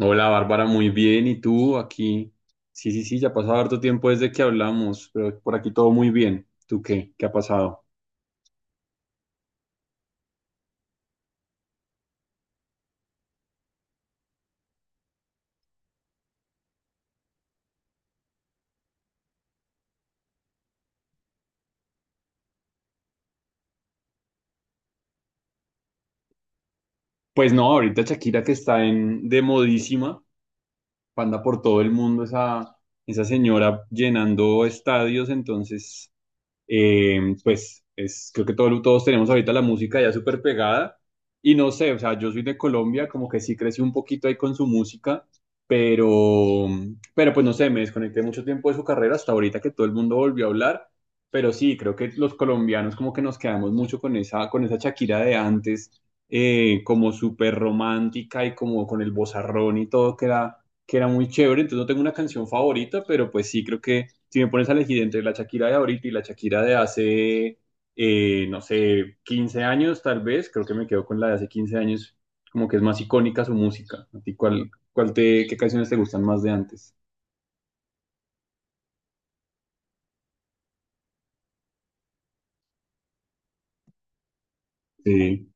Hola Bárbara, muy bien. ¿Y tú aquí? Sí, sí, sí, ya ha pasado harto tiempo desde que hablamos, pero por aquí todo muy bien. ¿Tú qué? ¿Qué ha pasado? Pues no, ahorita Shakira que está en de modísima, panda por todo el mundo, esa señora llenando estadios, entonces pues es, creo que todos tenemos ahorita la música ya súper pegada y no sé, o sea, yo soy de Colombia, como que sí crecí un poquito ahí con su música, pero, pero pues no sé, me desconecté mucho tiempo de su carrera hasta ahorita que todo el mundo volvió a hablar, pero sí, creo que los colombianos como que nos quedamos mucho con esa Shakira de antes, como súper romántica y como con el vozarrón y todo que era muy chévere, entonces no tengo una canción favorita, pero pues sí, creo que si me pones a elegir entre la Shakira de ahorita y la Shakira de hace no sé, 15 años tal vez, creo que me quedo con la de hace 15 años, como que es más icónica su música. ¿A ti cuál te, qué canciones te gustan más de antes? Sí,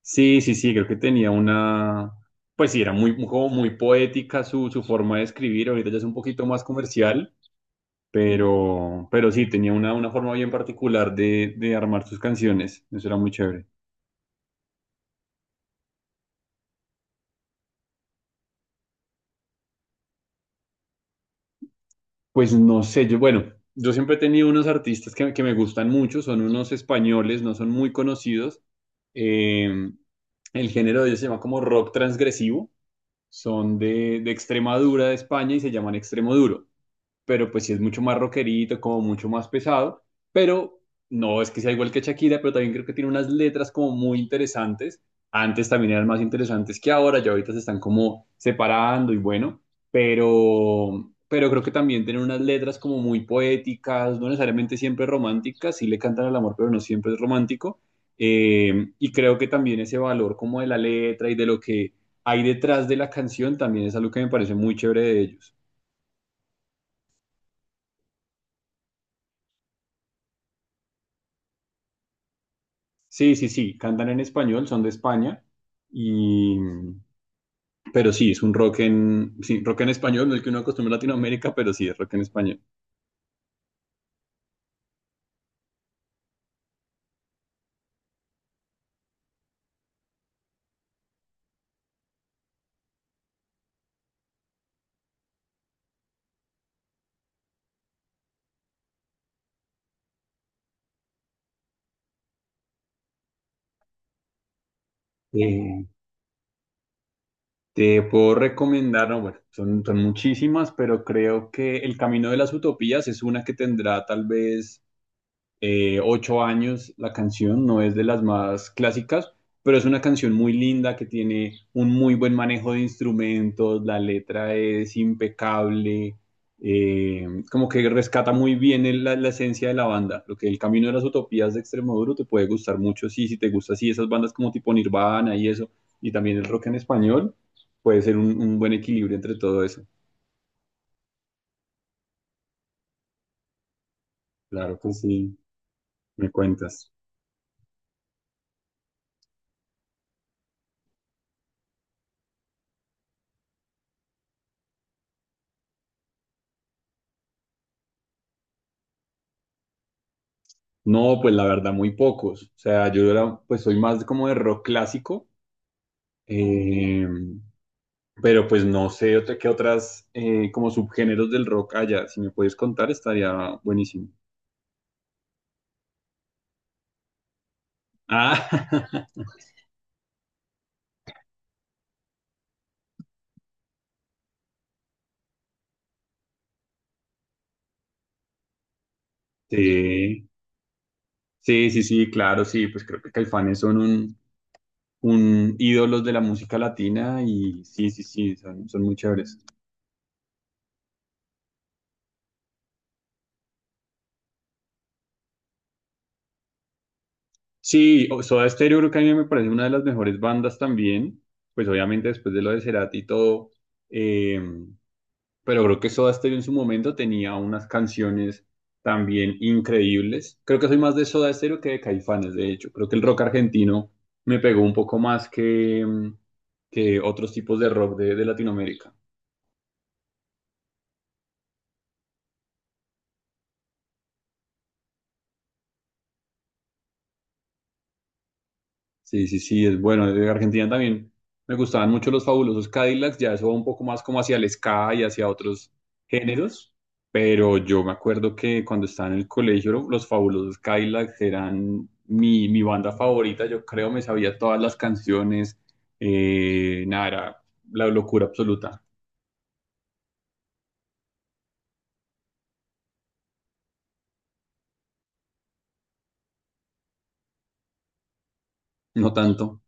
sí, sí, sí, creo que tenía una, pues sí, era muy, como muy poética su forma de escribir, ahorita ya es un poquito más comercial. Pero sí, tenía una forma bien particular de armar sus canciones. Eso era muy chévere. Pues no sé, yo, bueno, yo siempre he tenido unos artistas que me gustan mucho, son unos españoles, no son muy conocidos. Eh, el género de ellos se llama como rock transgresivo, son de Extremadura, de España, y se llaman extremoduro, pero pues sí es mucho más rockerito, como mucho más pesado, pero no es que sea igual que Shakira, pero también creo que tiene unas letras como muy interesantes. Antes también eran más interesantes que ahora, ya ahorita se están como separando y bueno, pero creo que también tienen unas letras como muy poéticas, no necesariamente siempre románticas, sí le cantan al amor, pero no siempre es romántico. Y creo que también ese valor como de la letra y de lo que hay detrás de la canción también es algo que me parece muy chévere de ellos. Sí, sí, sí, cantan en español, son de España, y... pero sí, es un sí, rock en español, no es el que uno acostumbra en Latinoamérica, pero sí, es rock en español. Eh, te puedo recomendar, no, bueno, son muchísimas, pero creo que El Camino de las Utopías es una que tendrá tal vez 8 años la canción, no es de las más clásicas, pero es una canción muy linda que tiene un muy buen manejo de instrumentos, la letra es impecable, como que rescata muy bien la esencia de la banda. Lo que el Camino de las Utopías de Extremoduro te puede gustar mucho, sí, si te gusta así esas bandas como tipo Nirvana y eso, y también el rock en español, puede ser un buen equilibrio entre todo eso. Claro que sí, me cuentas. No, pues la verdad, muy pocos. O sea, yo era, pues soy más como de rock clásico, eh, pero pues no sé otra, qué otras como subgéneros del rock haya. Si me puedes contar, estaría buenísimo. Ah, sí, sí, sí, sí, claro, sí, pues creo que Caifanes son un ídolos de la música latina y sí, sí, sí, son, son muy chéveres. Sí, o- Soda Stereo creo que a mí me parece una de las mejores bandas también, pues obviamente después de lo de Cerati y todo. eh, pero creo que Soda Stereo en su momento tenía unas canciones también increíbles. Creo que soy más de Soda Stereo que de Caifanes, de hecho. Creo que el rock argentino me pegó un poco más que que otros tipos de rock de Latinoamérica. Sí, sí, sí, es bueno. De Argentina también me gustaban mucho los fabulosos Cadillacs, ya eso va un poco más como hacia el ska y hacia otros géneros, pero yo me acuerdo que cuando estaba en el colegio los fabulosos Cadillacs eran mi banda favorita, yo creo me sabía todas las canciones, nada, era la locura absoluta, no tanto.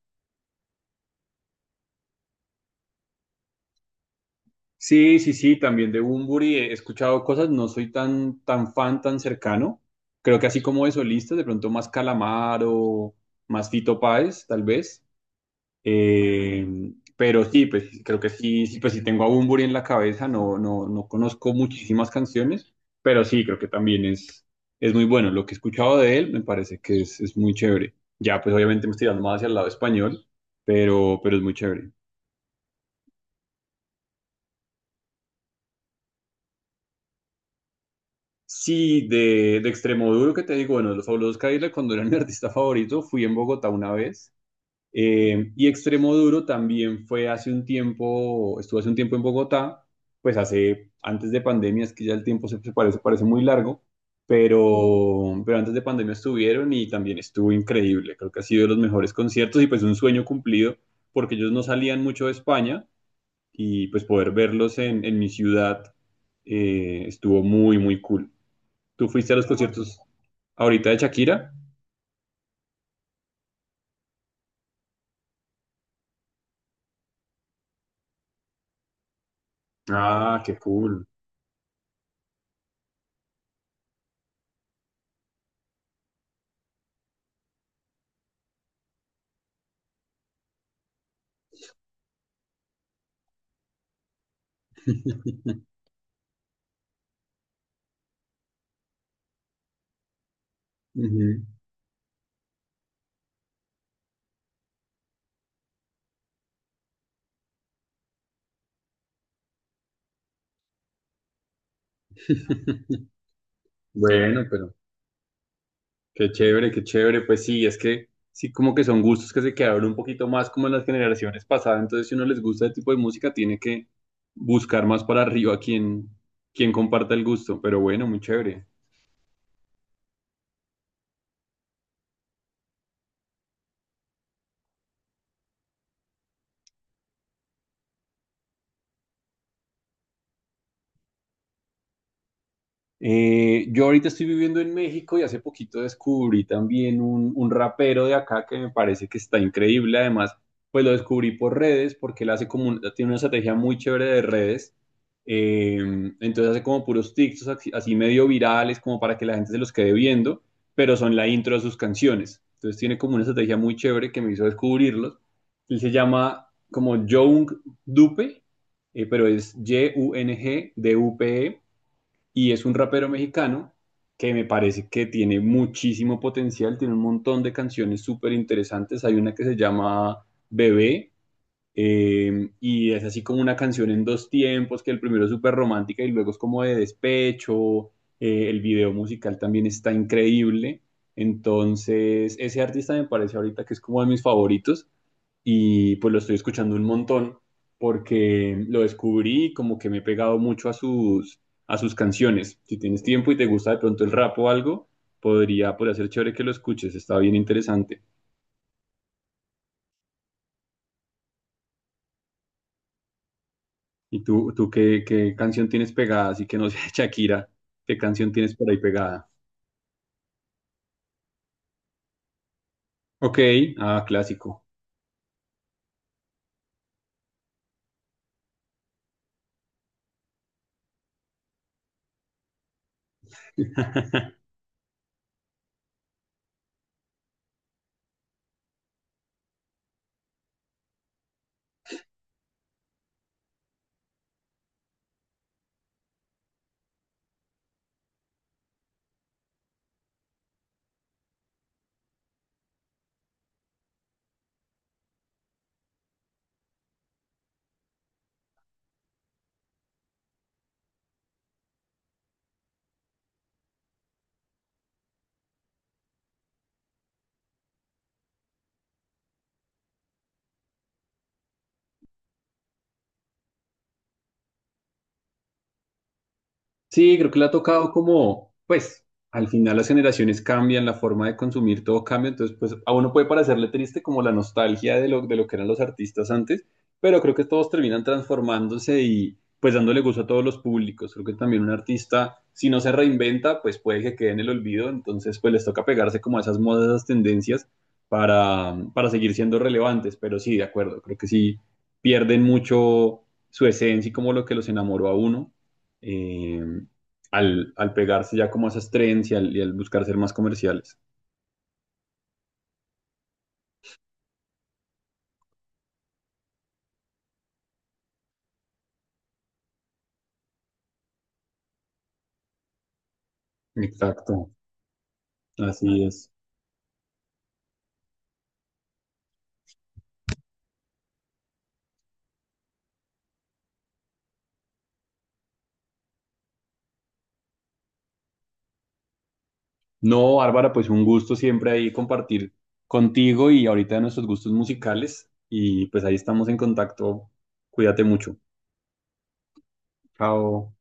Sí, sí, sí, también de Bunbury he escuchado cosas, no soy tan, tan fan, tan cercano. Creo que así como de solistas, de pronto más Calamaro, más Fito Páez, tal vez. Eh, pero sí, pues creo que sí, sí, pues sí tengo a Bunbury en la cabeza, no, no, no conozco muchísimas canciones, pero sí, creo que también es muy bueno. Lo que he escuchado de él me parece que es muy chévere. Ya, pues obviamente me estoy dando más hacia el lado español, pero es muy chévere. Sí, de extremo duro que te digo, bueno, Los Fabulosos Cadillacs cuando era mi artista favorito, fui en Bogotá una vez. Y extremo duro también fue hace un tiempo, estuvo hace un tiempo en Bogotá, pues hace, antes de pandemia, es que ya el tiempo se parece, parece muy largo, pero antes de pandemia estuvieron y también estuvo increíble. Creo que ha sido de los mejores conciertos y pues un sueño cumplido, porque ellos no salían mucho de España y pues poder verlos en mi ciudad estuvo muy, muy cool. ¿Tú fuiste a los conciertos ahorita de Shakira? Ah, qué cool. Ujú. Bueno, pero qué chévere, qué chévere. Pues sí, es que sí, como que son gustos que se quedaron un poquito más como en las generaciones pasadas. Entonces, si uno les gusta ese tipo de música, tiene que buscar más para arriba quien comparta el gusto. Pero bueno, muy chévere. Yo ahorita estoy viviendo en México y hace poquito descubrí también un rapero de acá que me parece que está increíble. Además, pues lo descubrí por redes porque él hace como tiene una estrategia muy chévere de redes. Eh, entonces hace como puros TikToks así, así medio virales como para que la gente se los quede viendo, pero son la intro de sus canciones. Entonces tiene como una estrategia muy chévere que me hizo descubrirlos. Él se llama como Young Dupe, pero es YUNGDUPE y es un rapero mexicano que me parece que tiene muchísimo potencial, tiene un montón de canciones súper interesantes. Hay una que se llama Bebé, y es así como una canción en dos tiempos, que el primero es súper romántica y luego es como de despecho. El video musical también está increíble. Entonces, ese artista me parece ahorita que es como de mis favoritos y pues lo estoy escuchando un montón porque lo descubrí y como que me he pegado mucho a a sus canciones. Si tienes tiempo y te gusta de pronto el rap o algo, podría, podría ser chévere que lo escuches, está bien interesante. ¿Y tú qué canción tienes pegada? Así que no sé, Shakira, ¿qué canción tienes por ahí pegada? Ok, ah, clásico. Sí, creo que le ha tocado como, pues, al final las generaciones cambian, la forma de consumir todo cambia, entonces, pues, a uno puede parecerle triste como la nostalgia de lo que eran los artistas antes, pero creo que todos terminan transformándose y, pues, dándole gusto a todos los públicos. Creo que también un artista, si no se reinventa, pues puede que quede en el olvido, entonces, pues, les toca pegarse como a esas modas, esas tendencias para para seguir siendo relevantes, pero sí, de acuerdo, creo que sí pierden mucho su esencia y como lo que los enamoró a uno eh, al pegarse ya como a esas trends y al buscar ser más comerciales. Exacto, así es. No, Bárbara, pues un gusto siempre ahí compartir contigo y ahorita de nuestros gustos musicales y pues ahí estamos en contacto. Cuídate mucho. Chao.